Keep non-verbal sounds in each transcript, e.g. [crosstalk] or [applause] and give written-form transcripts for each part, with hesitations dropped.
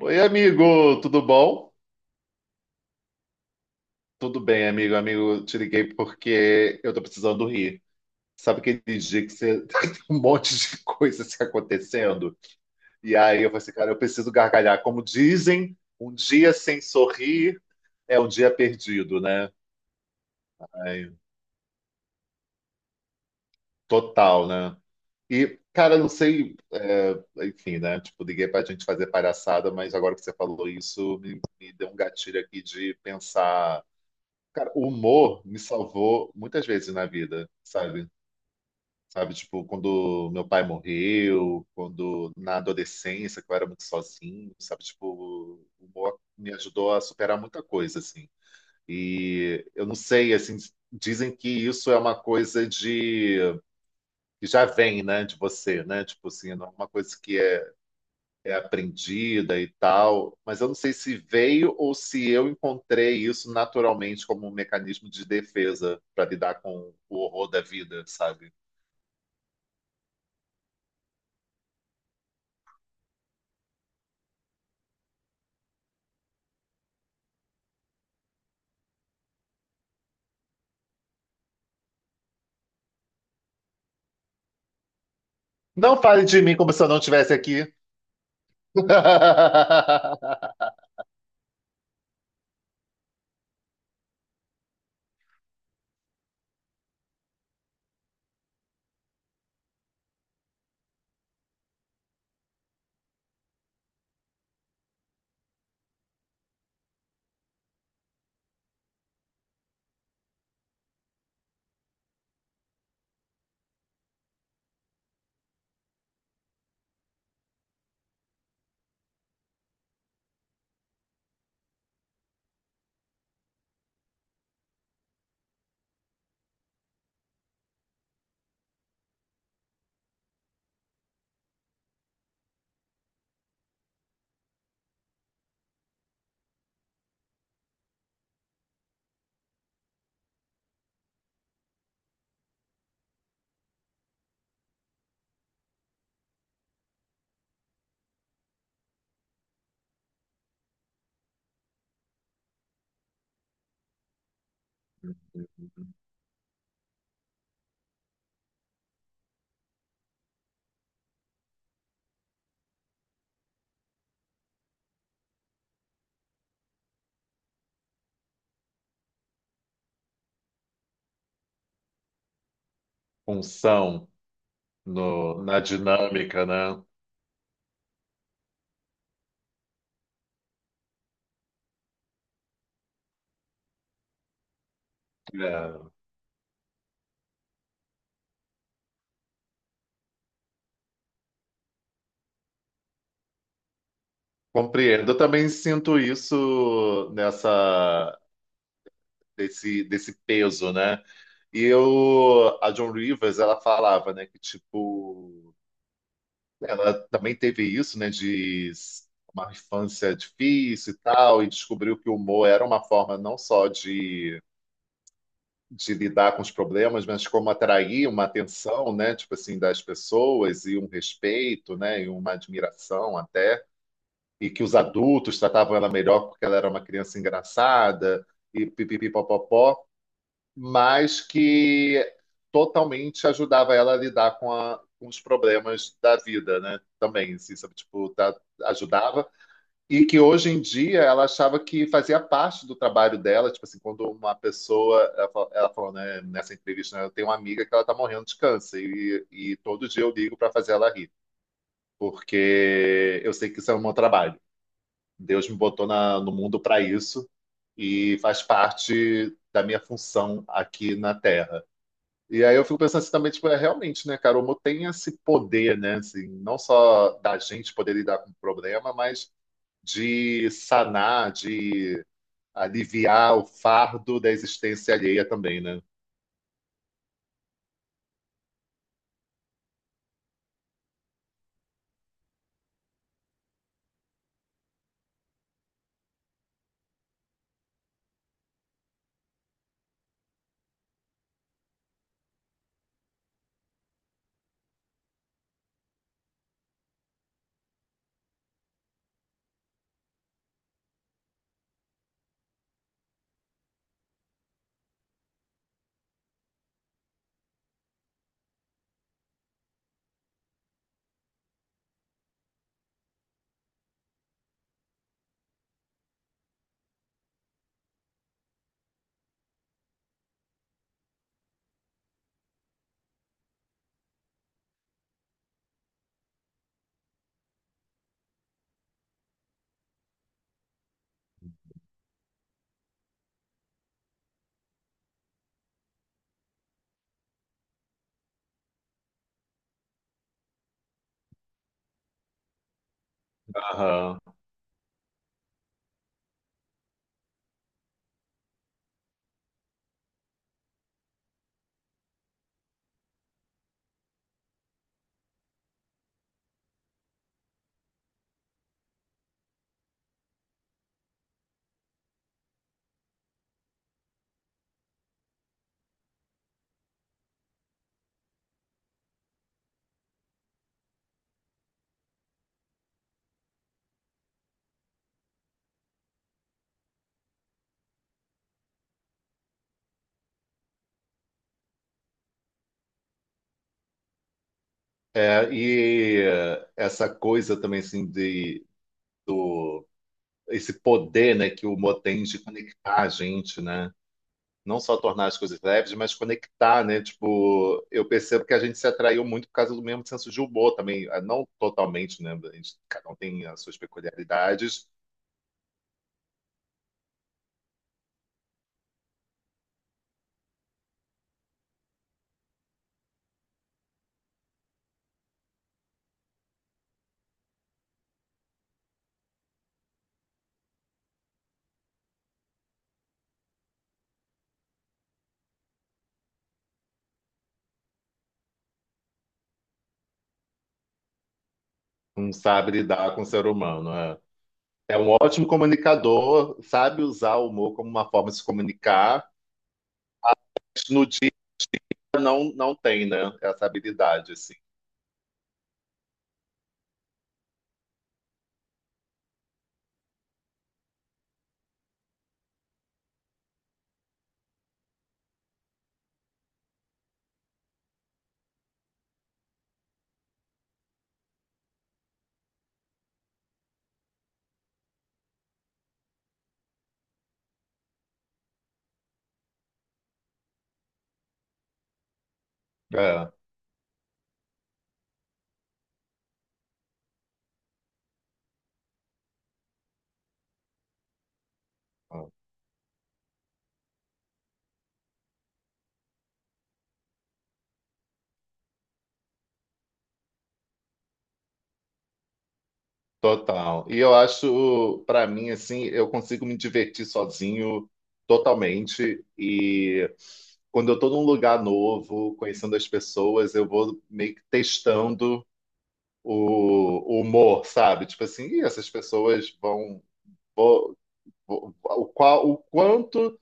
Oi, amigo, tudo bom? Tudo bem, amigo. Amigo, te liguei porque eu tô precisando rir. Sabe aquele dia que você [laughs] tem um monte de coisa se acontecendo? E aí eu falei assim, cara, eu preciso gargalhar. Como dizem, um dia sem sorrir é um dia perdido, né? Aí, total, né? E, cara, não sei, enfim, né? Tipo, liguei pra gente fazer palhaçada, mas agora que você falou isso, me deu um gatilho aqui de pensar. Cara, o humor me salvou muitas vezes na vida, sabe? Sabe, tipo, quando meu pai morreu, quando na adolescência, que eu era muito sozinho, sabe? Tipo, o humor me ajudou a superar muita coisa, assim. E eu não sei, assim, dizem que isso é uma coisa de que já vem, né, de você, né? Tipo assim, não é uma coisa que é aprendida e tal, mas eu não sei se veio ou se eu encontrei isso naturalmente como um mecanismo de defesa para lidar com o horror da vida, sabe? Não fale de mim como se eu não estivesse aqui. [laughs] Função no, na dinâmica, né? É, compreendo. Eu também sinto isso nessa desse peso, né? E eu, a John Rivers, ela falava, né, que tipo, ela também teve isso, né, de uma infância difícil e tal, e descobriu que o humor era uma forma não só de lidar com os problemas, mas como atrair uma atenção, né, tipo assim, das pessoas e um respeito, né, e uma admiração até, e que os adultos tratavam ela melhor porque ela era uma criança engraçada e pipipi, mas que totalmente ajudava ela a lidar com, a- com os problemas da vida, né? Também, assim, sabe? Tipo, ajudava. E que hoje em dia ela achava que fazia parte do trabalho dela, tipo assim, quando uma pessoa, ela falou, né, nessa entrevista, né, eu tenho uma amiga que ela tá morrendo de câncer e todo dia eu ligo para fazer ela rir, porque eu sei que isso é o meu trabalho. Deus me botou no mundo para isso e faz parte da minha função aqui na Terra. E aí eu fico pensando assim também, tipo, é realmente, né, cara, o humor tem esse poder, né, assim, não só da gente poder lidar com o problema, mas de sanar, de aliviar o fardo da existência alheia também, né? Aham. É, e essa coisa também, assim, de, do, esse poder, né, que o humor tem de conectar a gente, né? Não só tornar as coisas leves, mas conectar, né? Tipo, eu percebo que a gente se atraiu muito por causa do mesmo senso de humor também, ah, não totalmente, né? A gente, cada um tem as suas peculiaridades, não sabe lidar com o ser humano, né? É um ótimo comunicador, sabe usar o humor como uma forma de se comunicar, mas no dia não, não tem, né? Essa habilidade, assim. É, é, total. E eu acho, para mim, assim, eu consigo me divertir sozinho totalmente, e quando eu tô num lugar novo, conhecendo as pessoas, eu vou meio que testando o humor, sabe? Tipo assim, "Ih, essas pessoas vão, vou- o qual, o quanto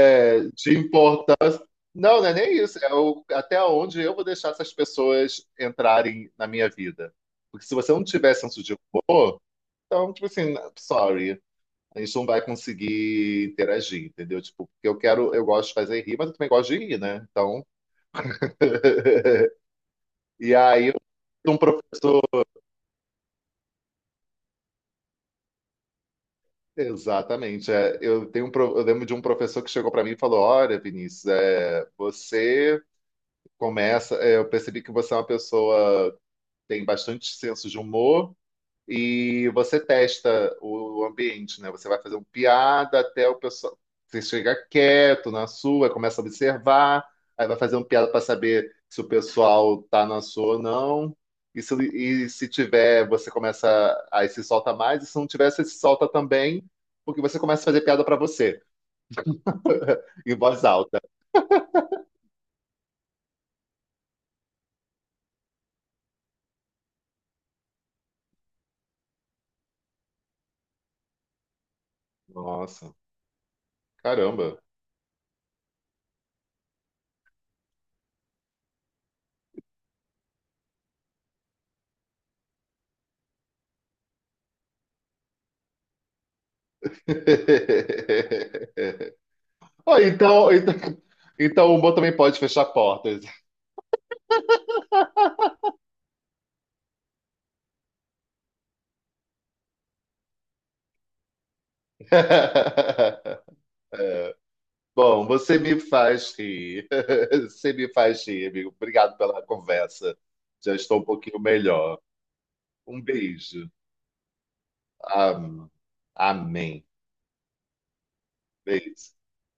é, de importância". Não, não é nem isso. É o, até onde eu vou deixar essas pessoas entrarem na minha vida. Porque se você não tiver senso de humor, então, tipo assim, sorry. A gente não vai conseguir interagir, entendeu? Tipo, porque eu quero, eu gosto de fazer rir, mas eu também gosto de rir, né? Então, [laughs] e aí um prof- exatamente. É, eu lembro de um professor que chegou para mim e falou: "Olha, Vinícius, é, eu percebi que você é uma pessoa que tem bastante senso de humor, e você testa o ambiente, né? Você vai fazer uma piada até o pessoal. Você chega quieto na sua, começa a observar, aí vai fazer uma piada para saber se o pessoal tá na sua ou não. E se tiver, você começa. Aí se solta mais, e se não tiver, você se solta também, porque você começa a fazer piada para você, [laughs] em voz alta". Nossa, caramba. [laughs] Ó, então o humor também pode fechar portas. [laughs] Bom, você me faz rir. [laughs] Você me faz rir, amigo. Obrigado pela conversa. Já estou um pouquinho melhor. Um beijo. Am- Amém. Beijo.